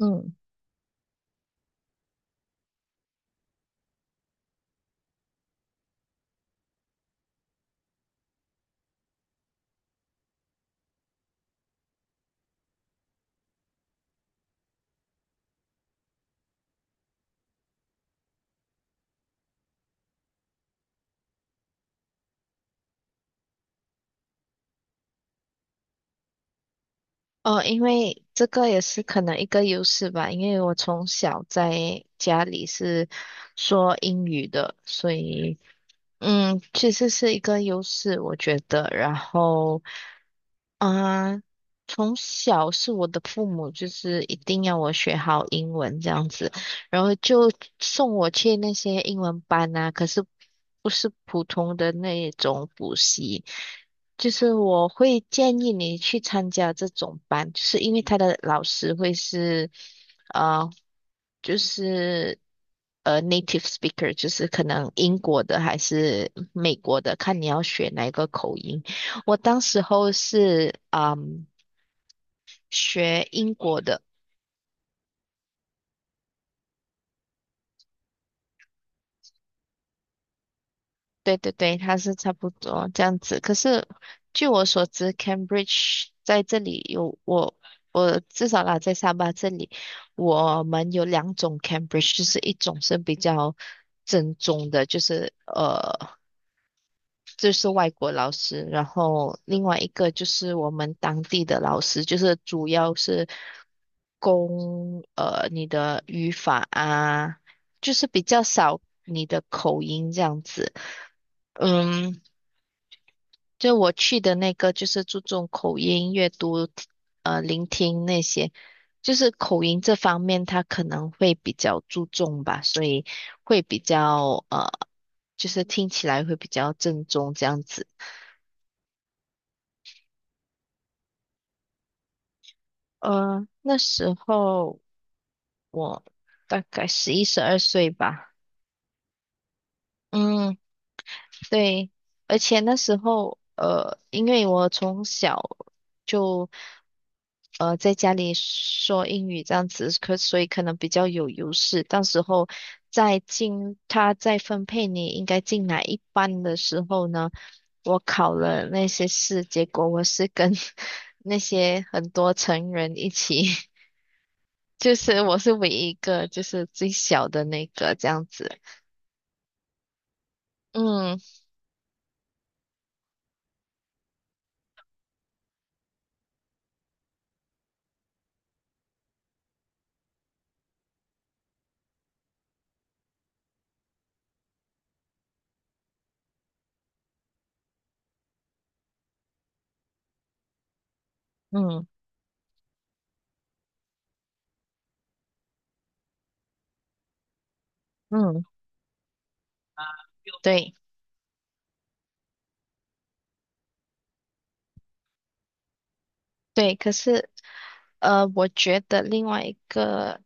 嗯，哦，因为这个也是可能一个优势吧，因为我从小在家里是说英语的，所以其实是一个优势，我觉得。然后啊，从小是我的父母就是一定要我学好英文这样子，然后就送我去那些英文班啊，可是不是普通的那种补习，就是我会建议你去参加这种班，就是因为他的老师会是，呃，就是native speaker，就是可能英国的还是美国的，看你要学哪一个口音。我当时候是学英国的，对对对，他是差不多这样子。可是据我所知，Cambridge 在这里有我至少啦，在沙巴这里，我们有两种 Cambridge，就是一种是比较正宗的，就是这是外国老师，然后另外一个就是我们当地的老师，就是主要是攻你的语法啊，就是比较少你的口音这样子。嗯，就我去的那个就是注重口音、阅读、聆听那些，就是口音这方面他可能会比较注重吧，所以会比较就是听起来会比较正宗这样子。那时候我大概11、12岁吧。嗯，对，而且那时候，因为我从小就在家里说英语这样子，可所以可能比较有优势。到时候再进他再分配你应该进哪一班的时候呢，我考了那些试，结果我是跟 那些很多成人一起。就是我是唯一一个，就是最小的那个这样子。嗯嗯嗯，对对。可是我觉得另外一个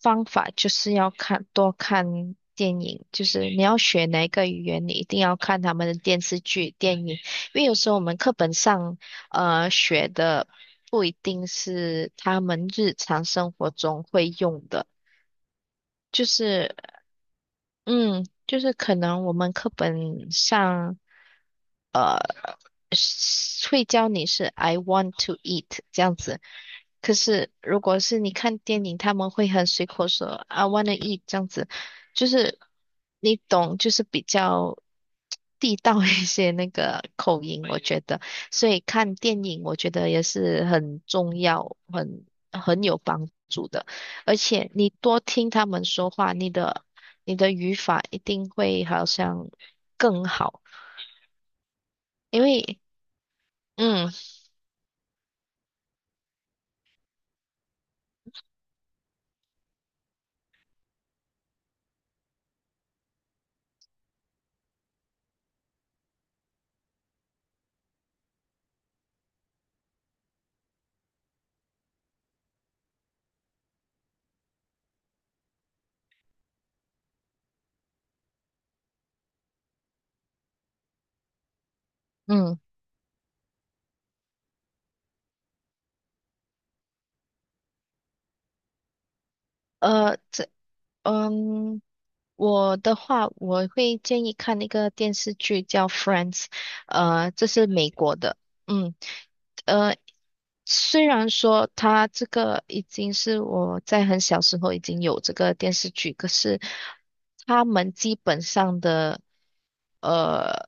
方法就是要看多看电影，就是你要学哪一个语言，你一定要看他们的电视剧、电影，因为有时候我们课本上学的不一定是他们日常生活中会用的。就是嗯，就是可能我们课本上，呃，是会教你是 I want to eat 这样子，可是如果是你看电影，他们会很随口说 I want to eat 这样子，就是你懂，就是比较地道一些那个口音，我觉得，所以看电影我觉得也是很重要，很有帮助的。而且你多听他们说话，你的语法一定会好像更好，因为嗯嗯呃这嗯我的话，我会建议看那个电视剧叫《Friends》，这是美国的，嗯。呃，虽然说他这个已经是我在很小时候已经有这个电视剧，可是他们基本上的呃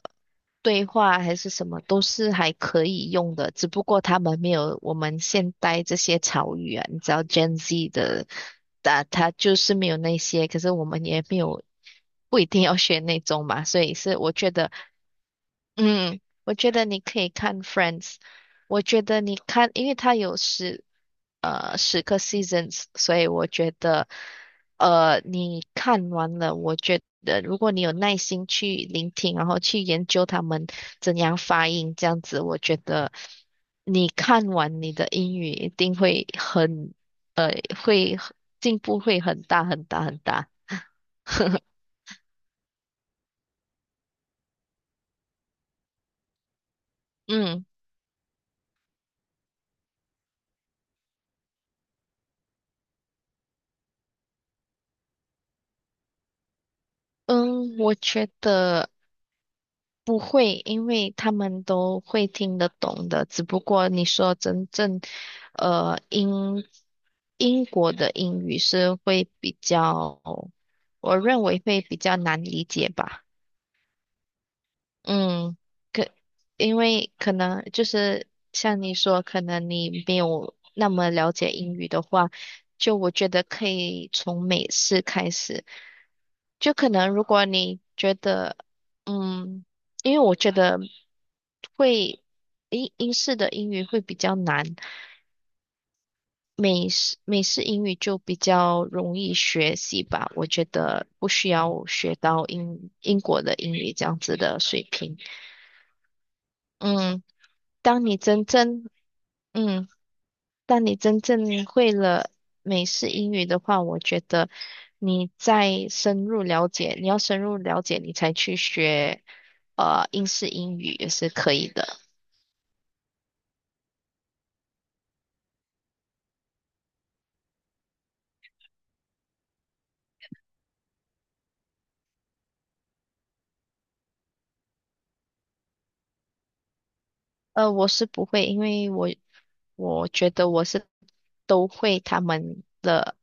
对话还是什么都是还可以用的，只不过他们没有我们现代这些潮语啊，你知道 Gen Z 的，他就是没有那些，可是我们也没有不一定要学那种嘛，所以是我觉得。嗯，我觉得你可以看《Friends》，我觉得你看，因为它有十个 seasons，所以我觉得，你看完了，我觉得如果你有耐心去聆听，然后去研究他们怎样发音，这样子，我觉得你看完你的英语一定会很，呃，会进步会很大很大很大。嗯嗯，我觉得。不会，因为他们都会听得懂的。只不过你说真正，呃，英英国的英语是会比较，我认为会比较难理解吧。嗯，可，因为可能就是像你说，可能你没有那么了解英语的话，就我觉得可以从美式开始。就可能如果你觉得，嗯，因为我觉得会英式的英语会比较难，美式英语就比较容易学习吧。我觉得不需要学到英国的英语这样子的水平。嗯。当你真正，嗯，当你真正会了美式英语的话，我觉得你再深入了解，你要深入了解，你才去学，英式英语也是可以的。我是不会，因为我觉得我是都会他们的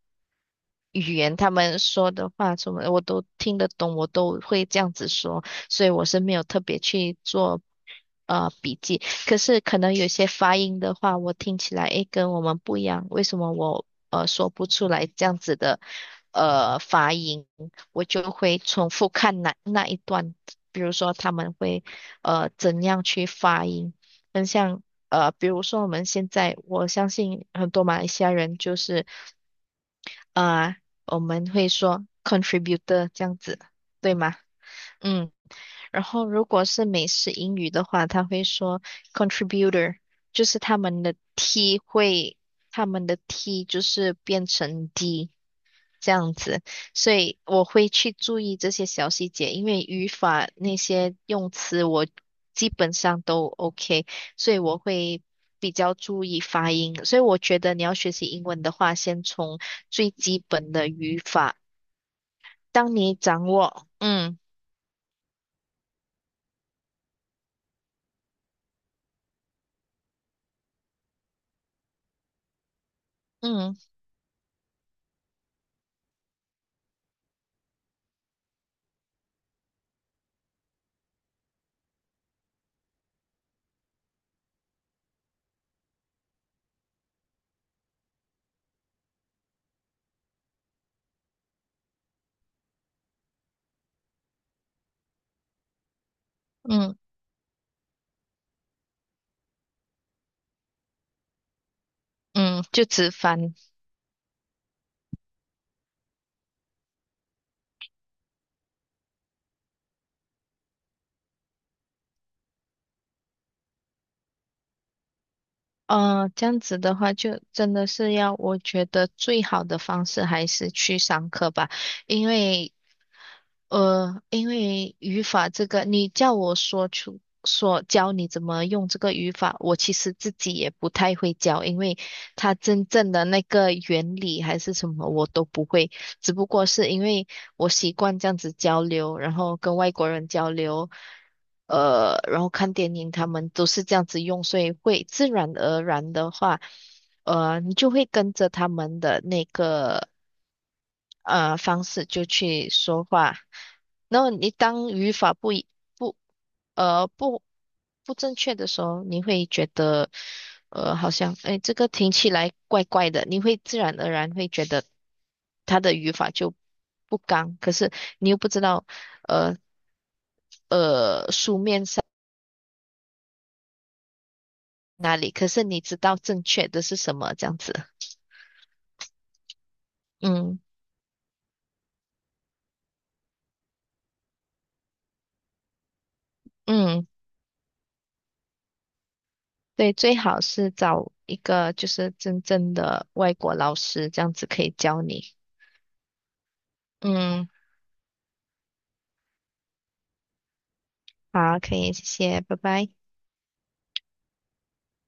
语言，他们说的话什么的我都听得懂，我都会这样子说，所以我是没有特别去做笔记。可是可能有些发音的话，我听起来诶跟我们不一样，为什么我说不出来这样子的发音，我就会重复看那一段，比如说他们会怎样去发音，很像。比如说我们现在，我相信很多马来西亚人就是。呃，我们会说 contributor 这样子，对吗？嗯，然后如果是美式英语的话，他会说 contributor，就是他们的 t 就是变成 d，这样子，所以我会去注意这些小细节，因为语法那些用词我基本上都 OK，所以我会比较注意发音。所以我觉得你要学习英文的话，先从最基本的语法，当你掌握，嗯嗯嗯嗯，就直翻。这样子的话，就真的是要，我觉得最好的方式还是去上课吧。因为因为语法这个，你叫我说教你怎么用这个语法，我其实自己也不太会教，因为它真正的那个原理还是什么我都不会，只不过是因为我习惯这样子交流，然后跟外国人交流，然后看电影，他们都是这样子用，所以会自然而然的话。你就会跟着他们的那个方式就去说话。然后你当语法不一不呃不不正确的时候，你会觉得好像哎这个听起来怪怪的，你会自然而然会觉得他的语法就不刚，可是你又不知道呃呃哪里，可是你知道正确的是什么这样子。嗯嗯。对，最好是找一个就是真正的外国老师，这样子可以教你。嗯，好，可以，谢谢，拜拜。